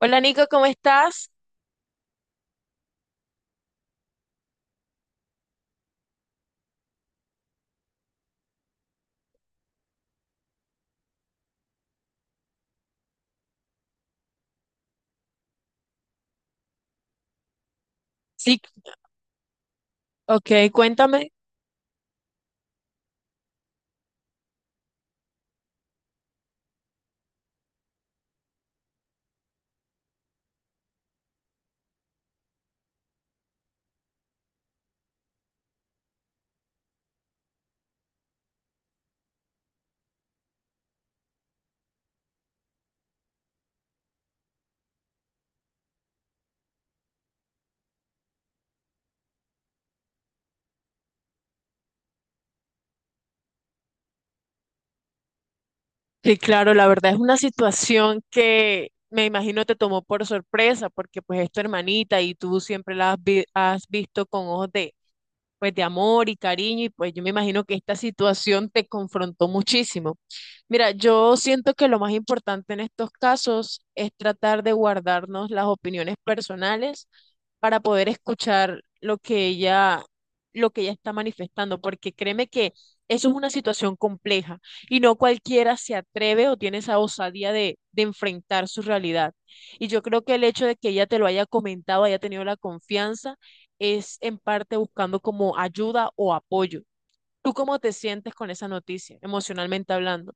Hola Nico, ¿cómo estás? Sí, ok, cuéntame. Sí, claro, la verdad es una situación que me imagino te tomó por sorpresa, porque pues es tu hermanita y tú siempre la has, has visto con ojos pues de amor y cariño, y pues yo me imagino que esta situación te confrontó muchísimo. Mira, yo siento que lo más importante en estos casos es tratar de guardarnos las opiniones personales para poder escuchar lo que ella está manifestando, porque créeme que eso es una situación compleja y no cualquiera se atreve o tiene esa osadía de enfrentar su realidad. Y yo creo que el hecho de que ella te lo haya comentado, haya tenido la confianza, es en parte buscando como ayuda o apoyo. ¿Tú cómo te sientes con esa noticia, emocionalmente hablando?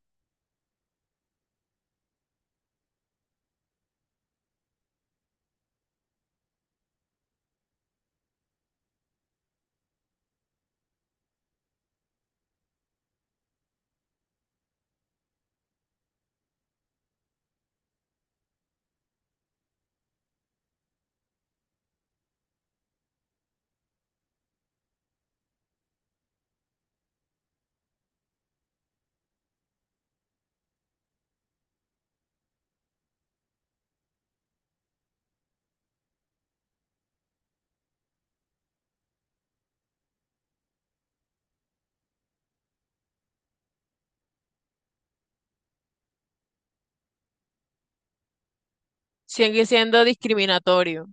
Sigue siendo discriminatorio.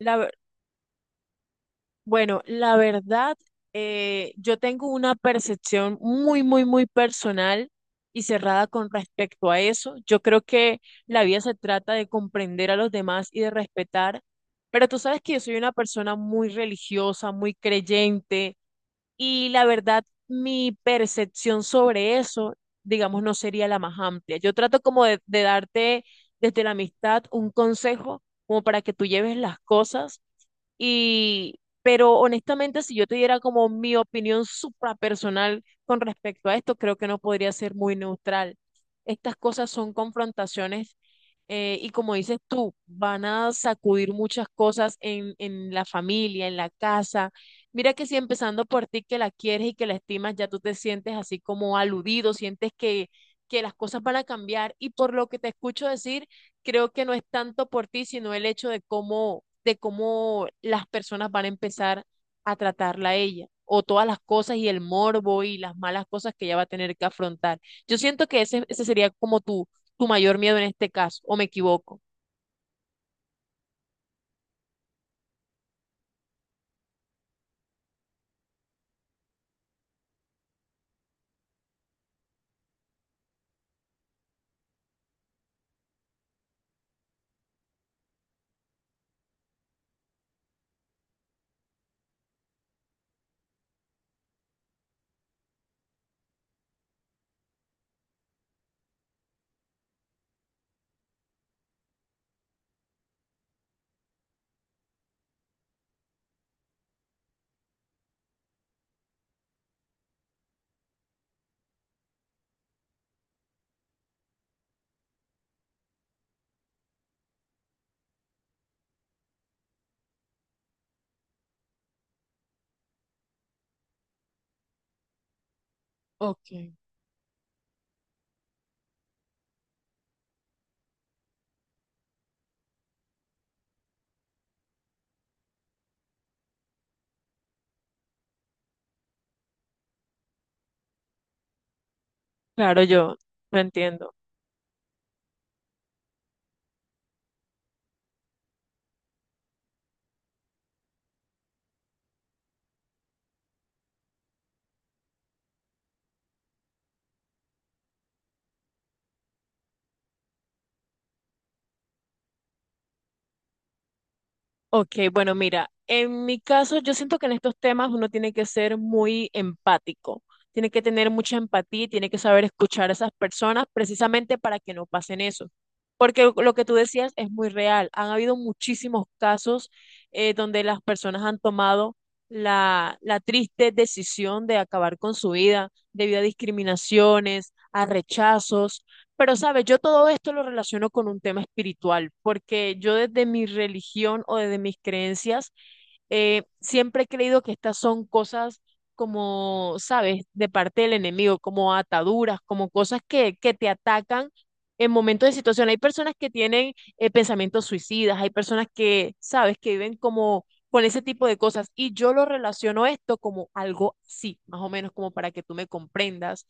La, ver- bueno, la verdad, yo tengo una percepción muy, muy, muy personal y cerrada con respecto a eso. Yo creo que la vida se trata de comprender a los demás y de respetar, pero tú sabes que yo soy una persona muy religiosa, muy creyente. Y la verdad, mi percepción sobre eso, digamos, no sería la más amplia. Yo trato como de darte desde la amistad un consejo como para que tú lleves las cosas y, pero honestamente, si yo te diera como mi opinión suprapersonal con respecto a esto, creo que no podría ser muy neutral. Estas cosas son confrontaciones, y como dices tú, van a sacudir muchas cosas en la familia, en la casa. Mira que si empezando por ti que la quieres y que la estimas, ya tú te sientes así como aludido, sientes que las cosas van a cambiar, y por lo que te escucho decir, creo que no es tanto por ti, sino el hecho de cómo, de cómo las personas van a empezar a tratarla a ella, o todas las cosas y el morbo y las malas cosas que ella va a tener que afrontar. Yo siento que ese sería como tu mayor miedo en este caso, o me equivoco. Ok. Claro, yo lo entiendo. Ok, bueno, mira, en mi caso yo siento que en estos temas uno tiene que ser muy empático, tiene que tener mucha empatía y tiene que saber escuchar a esas personas precisamente para que no pasen eso. Porque lo que tú decías es muy real. Han habido muchísimos casos, donde las personas han tomado la, la triste decisión de acabar con su vida debido a discriminaciones, a rechazos. Pero, sabes, yo todo esto lo relaciono con un tema espiritual, porque yo desde mi religión o desde mis creencias, siempre he creído que estas son cosas como, sabes, de parte del enemigo, como ataduras, como cosas que te atacan en momentos de situación. Hay personas que tienen pensamientos suicidas, hay personas que, sabes, que viven como con ese tipo de cosas. Y yo lo relaciono esto como algo así, más o menos, como para que tú me comprendas.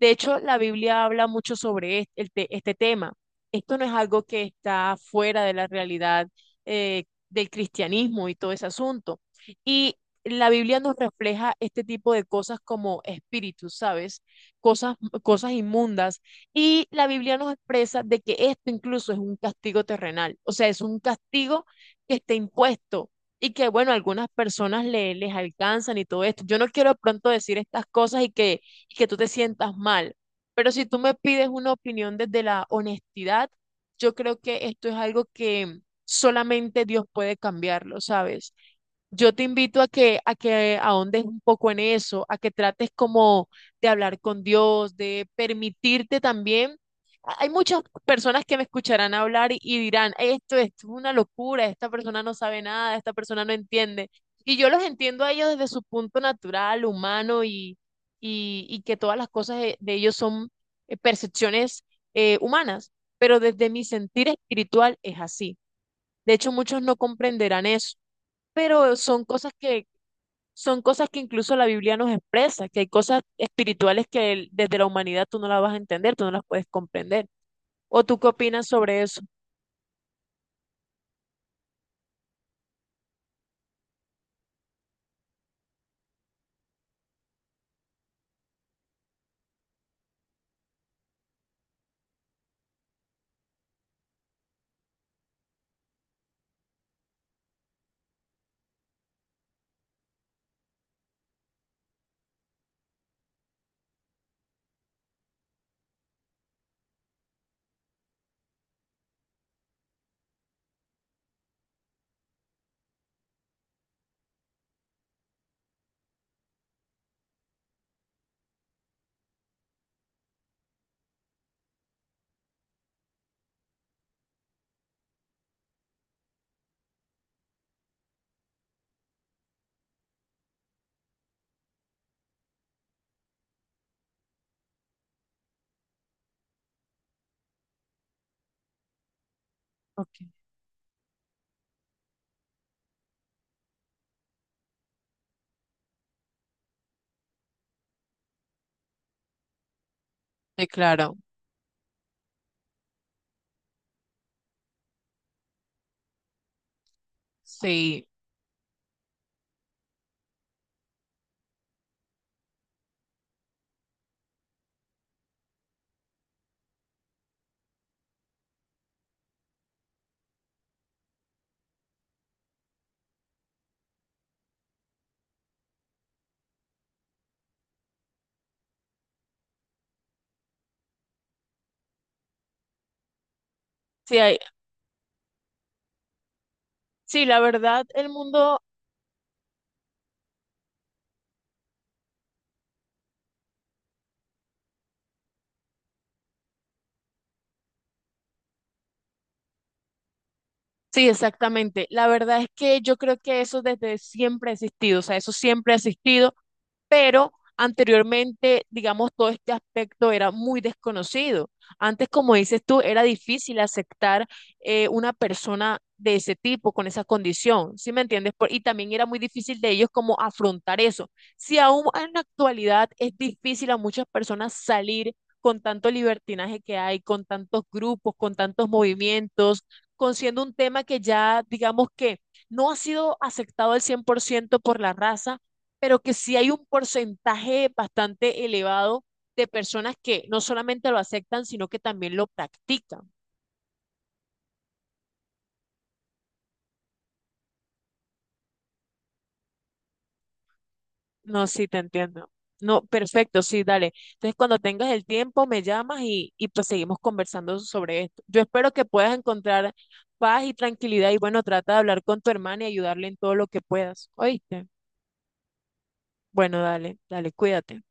De hecho, la Biblia habla mucho sobre este, este tema. Esto no es algo que está fuera de la realidad, eh, del cristianismo y todo ese asunto. Y la Biblia nos refleja este tipo de cosas como espíritus, ¿sabes? Cosas, cosas inmundas. Y la Biblia nos expresa de que esto incluso es un castigo terrenal, o sea, es un castigo que está impuesto y que, bueno, algunas personas le, les alcanzan y todo esto. Yo no quiero de pronto decir estas cosas y que tú te sientas mal, pero si tú me pides una opinión desde la honestidad, yo creo que esto es algo que solamente Dios puede cambiarlo, ¿sabes? Yo te invito a que ahondes un poco en eso, a que trates como de hablar con Dios, de permitirte también. Hay muchas personas que me escucharán hablar y dirán, esto es una locura, esta persona no sabe nada, esta persona no entiende. Y yo los entiendo a ellos desde su punto natural, humano y que todas las cosas de ellos son percepciones humanas, pero desde mi sentir espiritual es así. De hecho, muchos no comprenderán eso, pero son cosas que incluso la Biblia nos expresa, que hay cosas espirituales que desde la humanidad tú no las vas a entender, tú no las puedes comprender. ¿O tú qué opinas sobre eso? Okay. Sí, claro, sí. Sí, hay- sí, la verdad, el mundo, sí, exactamente. La verdad es que yo creo que eso desde siempre ha existido, o sea, eso siempre ha existido, pero anteriormente, digamos, todo este aspecto era muy desconocido. Antes, como dices tú, era difícil aceptar, una persona de ese tipo, con esa condición, ¿sí me entiendes? Y también era muy difícil de ellos como afrontar eso. Si aún en la actualidad es difícil a muchas personas salir, con tanto libertinaje que hay, con tantos grupos, con tantos movimientos, con siendo un tema que ya, digamos que no ha sido aceptado al 100% por la raza, pero que sí hay un porcentaje bastante elevado de personas que no solamente lo aceptan, sino que también lo practican. No, sí, te entiendo. No, perfecto, sí, dale. Entonces, cuando tengas el tiempo, me llamas y pues seguimos conversando sobre esto. Yo espero que puedas encontrar paz y tranquilidad y bueno, trata de hablar con tu hermana y ayudarle en todo lo que puedas. ¿Oíste? Bueno, dale, dale, cuídate.